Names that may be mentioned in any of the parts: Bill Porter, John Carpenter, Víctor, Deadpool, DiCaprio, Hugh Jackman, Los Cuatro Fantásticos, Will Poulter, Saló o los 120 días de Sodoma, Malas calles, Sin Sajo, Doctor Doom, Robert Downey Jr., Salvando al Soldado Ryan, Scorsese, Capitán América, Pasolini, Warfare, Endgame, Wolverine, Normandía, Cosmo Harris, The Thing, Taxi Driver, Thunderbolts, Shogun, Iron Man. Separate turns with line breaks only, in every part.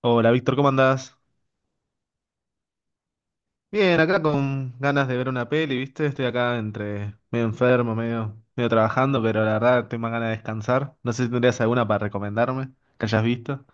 Hola Víctor, ¿cómo andás? Bien, acá con ganas de ver una peli, ¿viste? Estoy acá entre medio enfermo, medio trabajando, pero la verdad tengo más ganas de descansar. No sé si tendrías alguna para recomendarme que hayas visto.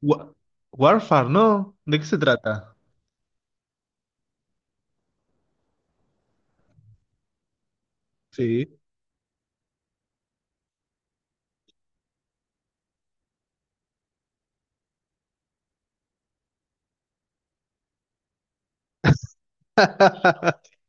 Wa- Warfare, ¿no? ¿De qué se trata? Sí.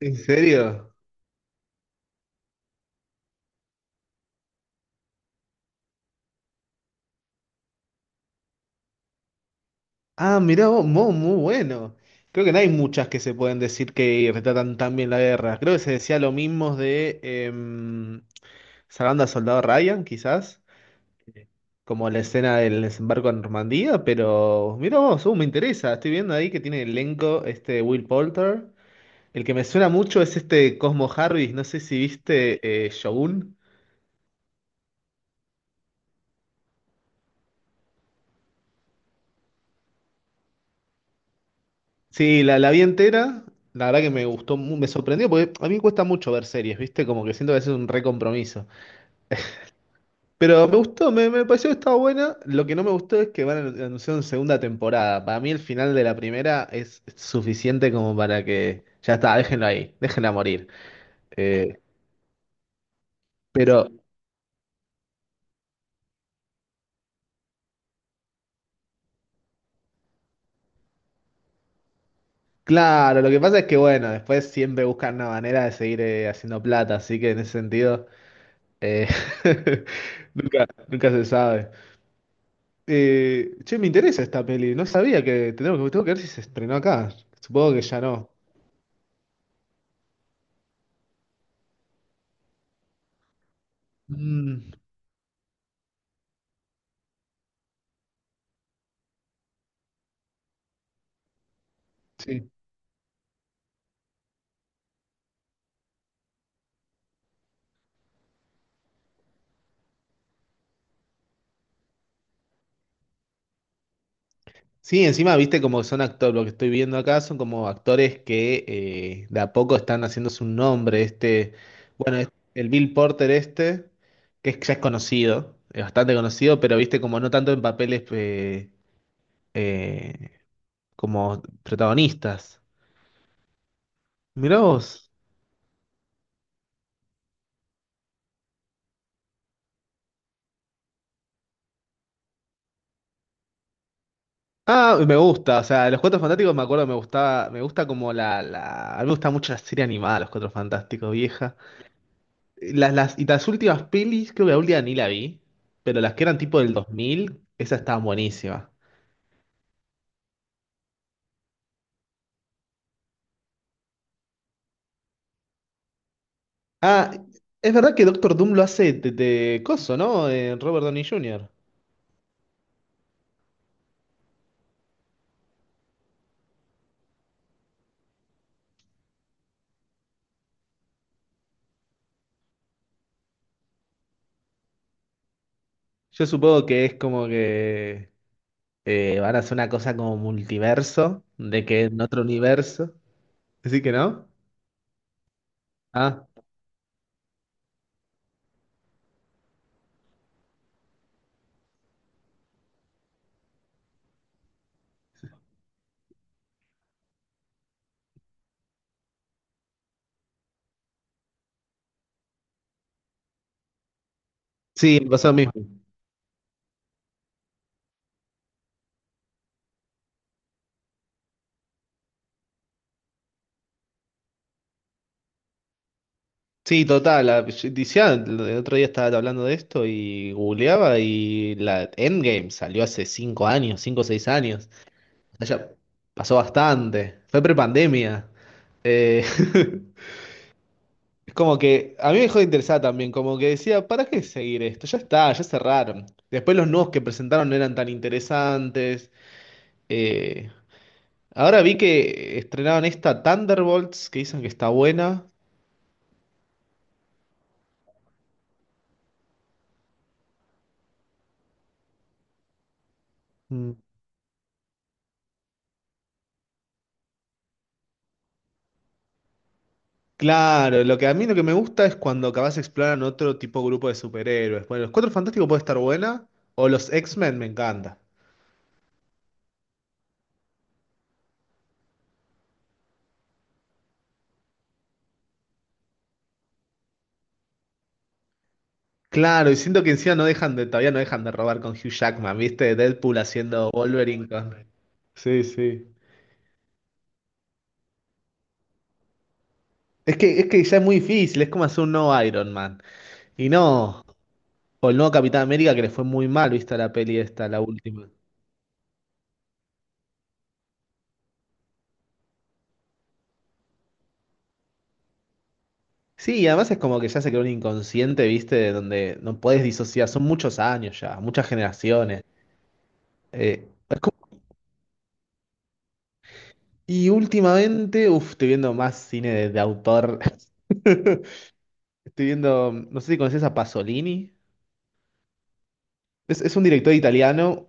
¿En serio? Ah, mirá vos, muy bueno. Creo que no hay muchas que se pueden decir que retratan tan bien la guerra. Creo que se decía lo mismo de Salvando al Soldado Ryan, quizás. Como la escena del desembarco en Normandía, pero mira vos, me interesa. Estoy viendo ahí que tiene elenco este Will Poulter. El que me suena mucho es este Cosmo Harris, no sé si viste Shogun. Sí, la vi entera. La verdad que me gustó, me sorprendió, porque a mí me cuesta mucho ver series, ¿viste? Como que siento que es un recompromiso. Pero me gustó, me pareció que estaba buena. Lo que no me gustó es que van a anunciar una segunda temporada. Para mí el final de la primera es suficiente como para que ya está, déjenlo ahí, déjenla morir. Eh, Pero claro, lo que pasa es que bueno, después siempre buscan una manera de seguir haciendo plata, así que en ese sentido eh, nunca se sabe. Che, me interesa esta peli, no sabía que tengo que ver si se estrenó acá. Supongo que ya no. Mm, sí. Sí, encima, viste como son actores, lo que estoy viendo acá son como actores que de a poco están haciéndose un nombre. Este, bueno, el Bill Porter este, ya es conocido, es bastante conocido, pero viste como no tanto en papeles eh, como protagonistas. Mirá vos. Ah, me gusta, o sea, Los Cuatro Fantásticos me acuerdo, me gustaba, me gusta como a mí me gusta mucho la serie animada, Los Cuatro Fantásticos, vieja. Y las últimas pelis, creo que la última ni la vi, pero las que eran tipo del 2000, esas estaban buenísimas. Ah, es verdad que Doctor Doom lo hace de coso, ¿no? Robert Downey Jr. Yo supongo que es como que van a hacer una cosa como multiverso, de que en otro universo. Así que no. Ah, sí, me pasó lo mismo. Sí, total. Yo decía, el otro día estaba hablando de esto y googleaba y la Endgame salió hace 5 años, cinco o 6 años. Ya pasó bastante. Fue prepandemia. Eh, es como que a mí me dejó de interesar también, como que decía, ¿para qué seguir esto? Ya está, ya cerraron. Después los nuevos que presentaron no eran tan interesantes. Eh, Ahora vi que estrenaron esta Thunderbolts, que dicen que está buena. Mm. Claro, lo que a mí lo que me gusta es cuando capaz exploran otro tipo de grupo de superhéroes. Bueno, los Cuatro Fantásticos puede estar buena, o los X-Men me encanta. Claro, y siento que encima todavía no dejan de robar con Hugh Jackman, ¿viste? Deadpool haciendo Wolverine con... Sí, sí. Es que ya es muy difícil, es como hacer un nuevo Iron Man. Y no, o el nuevo Capitán América que le fue muy mal, ¿viste? La peli esta, la última. Sí, y además es como que ya se creó un inconsciente, ¿viste? De donde no podés disociar, son muchos años ya, muchas generaciones. Es como- Y últimamente, uff, estoy viendo más cine de autor. Estoy viendo, no sé si conoces a Pasolini. Es un director italiano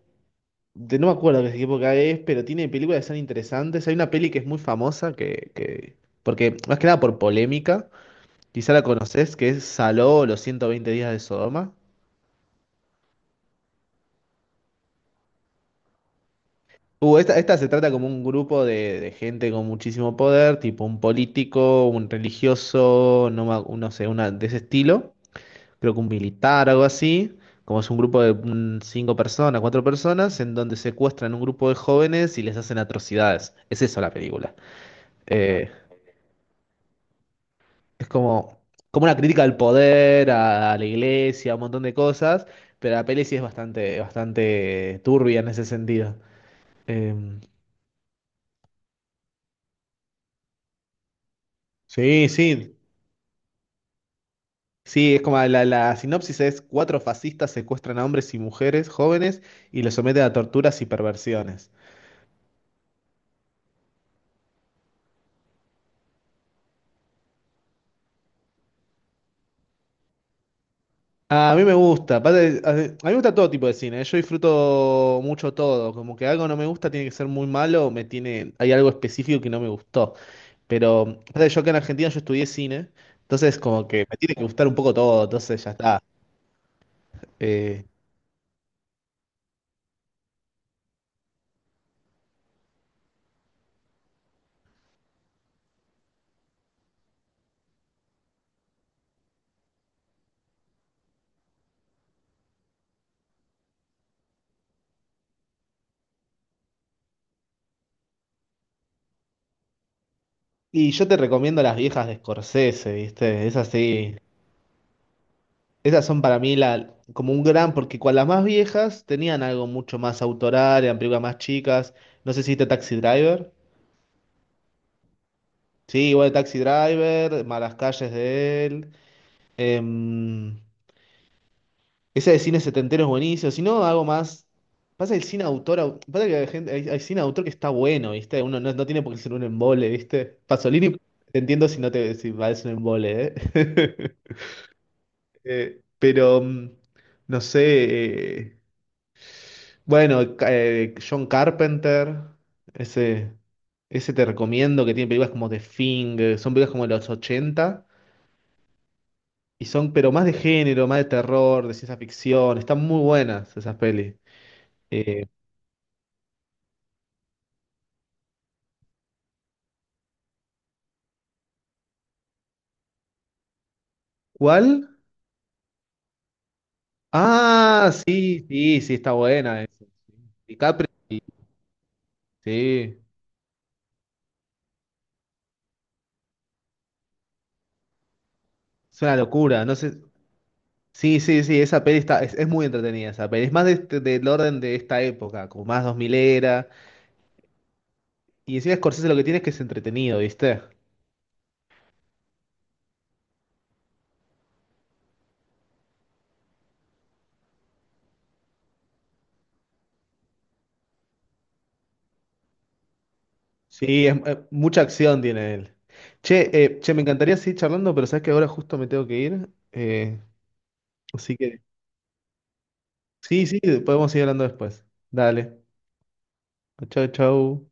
no me acuerdo de qué época es, pero tiene películas que son interesantes. Hay una peli que es muy famosa porque más que nada por polémica, quizá la conoces, que es Saló o los 120 días de Sodoma. Esta se trata como un grupo de gente con muchísimo poder, tipo un político, un religioso, no, no sé, una de ese estilo, creo que un militar, algo así, como es un grupo de cinco personas, cuatro personas, en donde secuestran un grupo de jóvenes y les hacen atrocidades. Es eso la película. Eh, Es como una crítica al poder, a la iglesia, a un montón de cosas, pero la peli sí es bastante, bastante turbia en ese sentido. Eh, sí, sí. Sí, es como la sinopsis es cuatro fascistas secuestran a hombres y mujeres jóvenes y los someten a torturas y perversiones. A mí me gusta, aparte, a mí me gusta todo tipo de cine, ¿eh? Yo disfruto mucho todo, como que algo no me gusta tiene que ser muy malo, hay algo específico que no me gustó. Pero pasa que yo acá en Argentina yo estudié cine, entonces como que me tiene que gustar un poco todo, entonces ya está. Eh, y yo te recomiendo las viejas de Scorsese, ¿viste? Esas sí, esas son para mí la, como un gran, porque con las más viejas tenían algo mucho más autoral, eran películas más chicas. No sé si viste Taxi Driver. Sí, igual Taxi Driver, Malas calles de él. em, Esa de cine setentero es buenísimo. Si no, hago más. Pasa el cine autor. Pasa que hay cine autor que está bueno, ¿viste? Uno no, no tiene por qué ser un embole, ¿viste? Pasolini, te entiendo si no te si parece un embole, ¿eh? Pero, no sé. Bueno, John Carpenter. Ese, ese, te recomiendo que tiene películas como The Thing. Son películas como de los ochenta. Y son, pero más de género, más de terror, de ciencia ficción. Están muy buenas esas pelis. Eh, ¿Cuál? Ah, sí, sí, sí, está buena esa. DiCaprio, sí, es una locura, no sé. Sí, sí, sí, esa peli está, es muy entretenida esa peli. Es más del orden de esta época, como más 2000 era. Y encima Scorsese lo que tiene es que es entretenido, ¿viste? Sí, mucha acción tiene él. Che, me encantaría seguir charlando, pero sabes que ahora justo me tengo que ir. Así que, sí, sí, podemos seguir hablando después. Dale. Chau, chau.